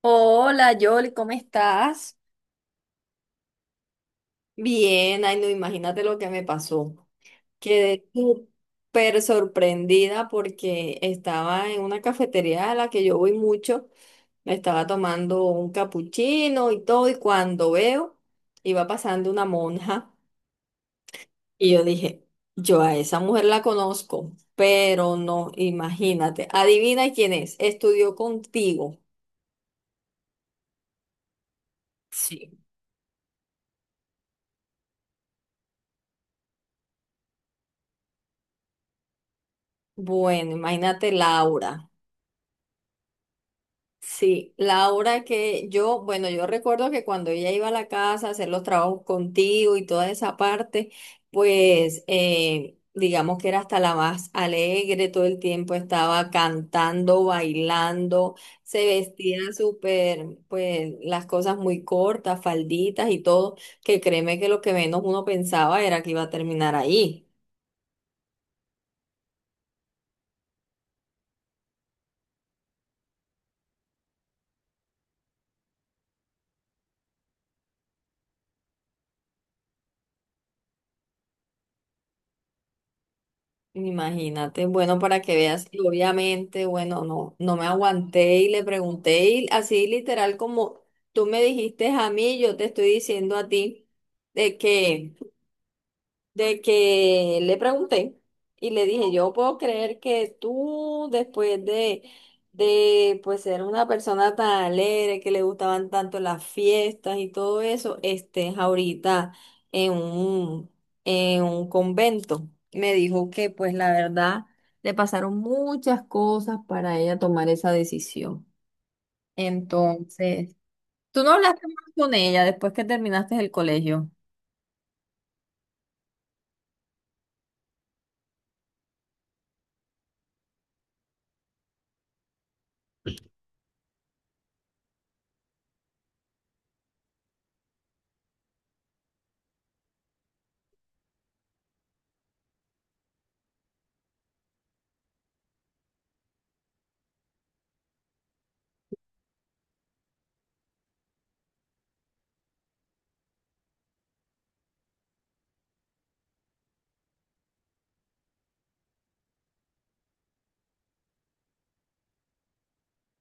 Hola, Yoli, ¿cómo estás? Bien, ay, no, imagínate lo que me pasó. Quedé súper sorprendida porque estaba en una cafetería a la que yo voy mucho, me estaba tomando un capuchino y todo, y cuando veo, iba pasando una monja y yo dije, yo a esa mujer la conozco, pero no, imagínate, adivina quién es, estudió contigo. Sí. Bueno, imagínate Laura. Sí, la hora que yo, bueno, yo recuerdo que cuando ella iba a la casa a hacer los trabajos contigo y toda esa parte, pues digamos que era hasta la más alegre, todo el tiempo estaba cantando, bailando, se vestía súper, pues las cosas muy cortas, falditas y todo, que créeme que lo que menos uno pensaba era que iba a terminar ahí. Imagínate, bueno, para que veas, y obviamente, bueno, no, no me aguanté y le pregunté y así literal como tú me dijiste a mí, yo te estoy diciendo a ti de que de que le pregunté y le dije, yo puedo creer que tú, después de pues ser una persona tan alegre, que le gustaban tanto las fiestas y todo eso, estés ahorita en un, en un convento. Me dijo que pues la verdad le pasaron muchas cosas para ella tomar esa decisión. Entonces, tú no hablaste más con ella después que terminaste el colegio.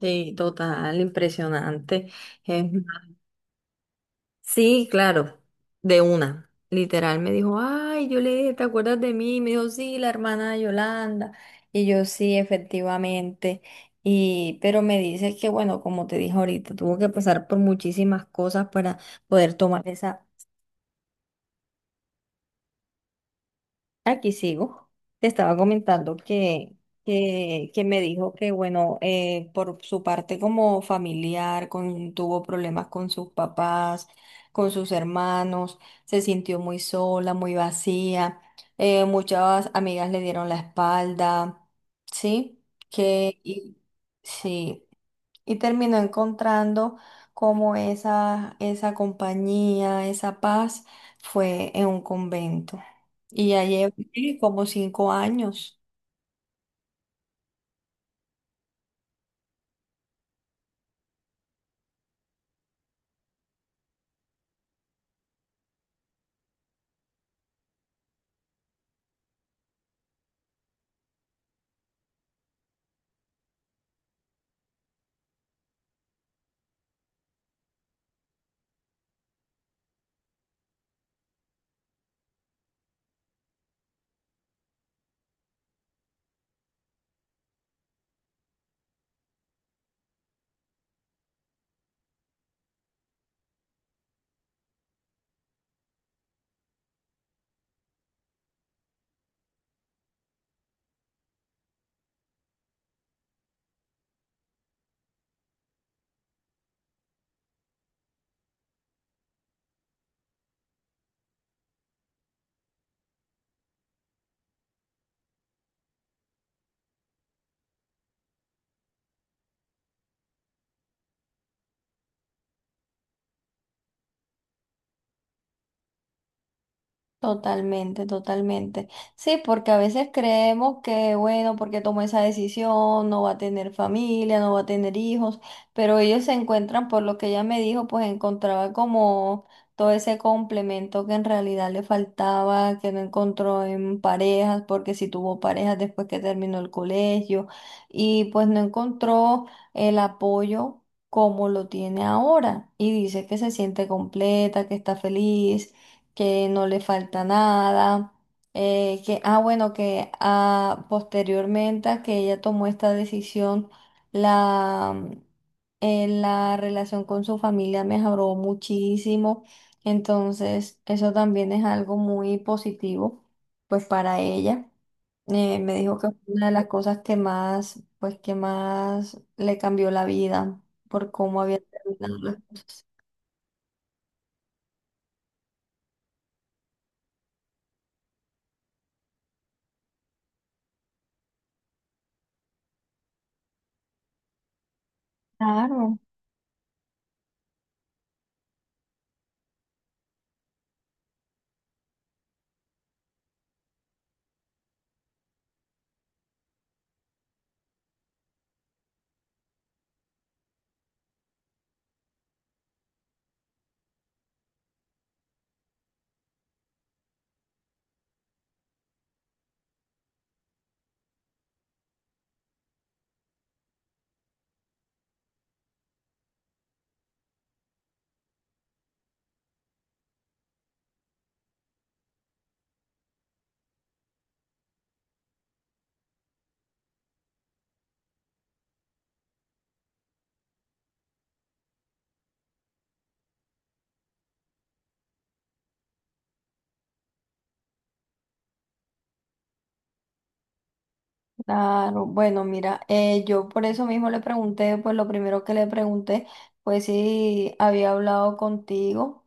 Sí, total, impresionante. Sí, claro, de una. Literal me dijo, ay, yo le dije, ¿te acuerdas de mí? Y me dijo, sí, la hermana de Yolanda. Y yo, sí, efectivamente. Y, pero me dice que, bueno, como te dije ahorita, tuvo que pasar por muchísimas cosas para poder tomar esa. Aquí sigo. Te estaba comentando que, que me dijo que, bueno, por su parte como familiar, con, tuvo problemas con sus papás, con sus hermanos, se sintió muy sola, muy vacía, muchas amigas le dieron la espalda, ¿sí? Que, y, sí, y terminó encontrando como esa compañía, esa paz, fue en un convento. Y ya llevo ¿qué? Como cinco años. Totalmente, totalmente. Sí, porque a veces creemos que, bueno, porque tomó esa decisión, no va a tener familia, no va a tener hijos, pero ellos se encuentran, por lo que ella me dijo, pues encontraba como todo ese complemento que en realidad le faltaba, que no encontró en parejas, porque si tuvo parejas después que terminó el colegio, y pues no encontró el apoyo como lo tiene ahora, y dice que se siente completa, que está feliz, que no le falta nada, que, ah, bueno, que ah, posteriormente a que ella tomó esta decisión, la, la relación con su familia mejoró muchísimo, entonces eso también es algo muy positivo, pues para ella. Me dijo que fue una de las cosas que más, pues que más le cambió la vida por cómo había terminado las cosas. Claro. Claro, bueno, mira, yo por eso mismo le pregunté, pues lo primero que le pregunté fue si había hablado contigo,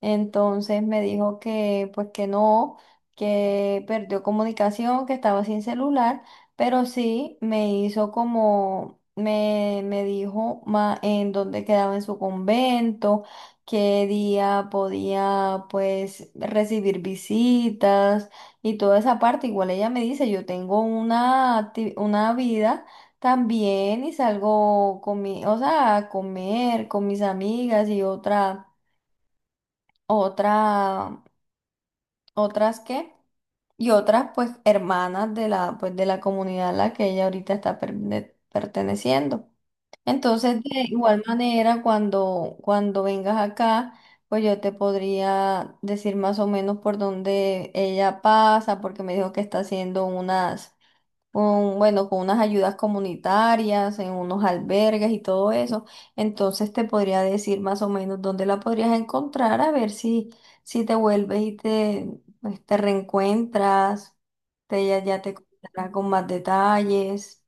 entonces me dijo que pues que no, que perdió comunicación, que estaba sin celular, pero sí me hizo como, me dijo ma- en dónde quedaba en su convento, qué día podía pues recibir visitas y toda esa parte. Igual ella me dice, yo tengo una, acti- una vida. También y salgo con mi, o sea, a comer con mis amigas y otra otra, otras que, y otras pues hermanas de la, pues, de la comunidad a la que ella ahorita está per- de- perteneciendo. Entonces, de igual manera, cuando, cuando vengas acá, pues yo te podría decir más o menos por dónde ella pasa, porque me dijo que está haciendo unas con, bueno, con unas ayudas comunitarias, en unos albergues y todo eso. Entonces te podría decir más o menos dónde la podrías encontrar, a ver si, si te vuelves y te, pues, te reencuentras, te, ella ya te contará con más detalles.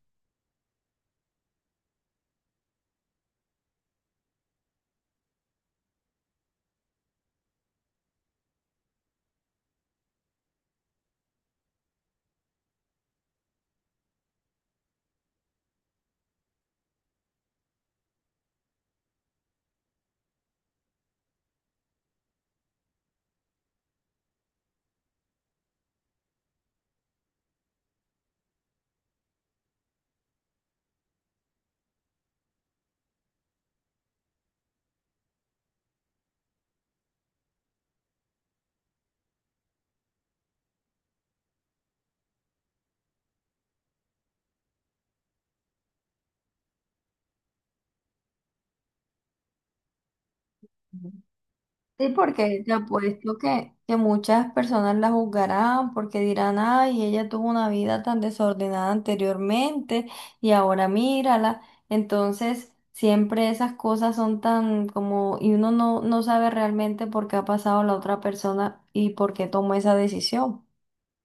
Sí, porque te apuesto que muchas personas la juzgarán porque dirán, ay, ella tuvo una vida tan desordenada anteriormente y ahora mírala. Entonces, siempre esas cosas son tan como, y uno no, no sabe realmente por qué ha pasado la otra persona y por qué tomó esa decisión,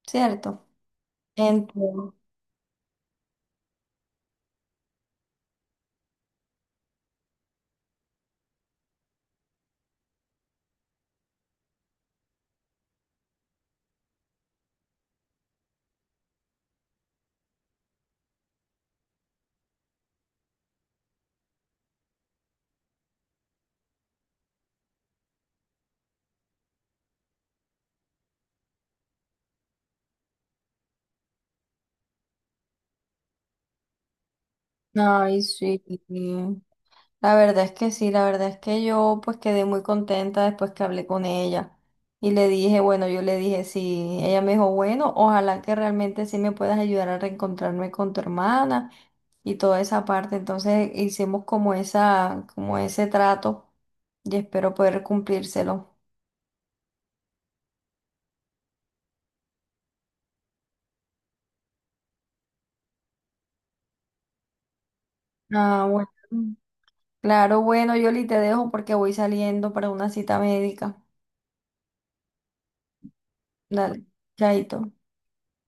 ¿cierto? Entonces, ay, sí. La verdad es que sí, la verdad es que yo pues quedé muy contenta después que hablé con ella y le dije, bueno, yo le dije sí, ella me dijo, bueno, ojalá que realmente sí me puedas ayudar a reencontrarme con tu hermana y toda esa parte. Entonces hicimos como esa, como ese trato y espero poder cumplírselo. Ah, bueno. Claro, bueno, Yoli, te dejo porque voy saliendo para una cita médica. Dale, chaito.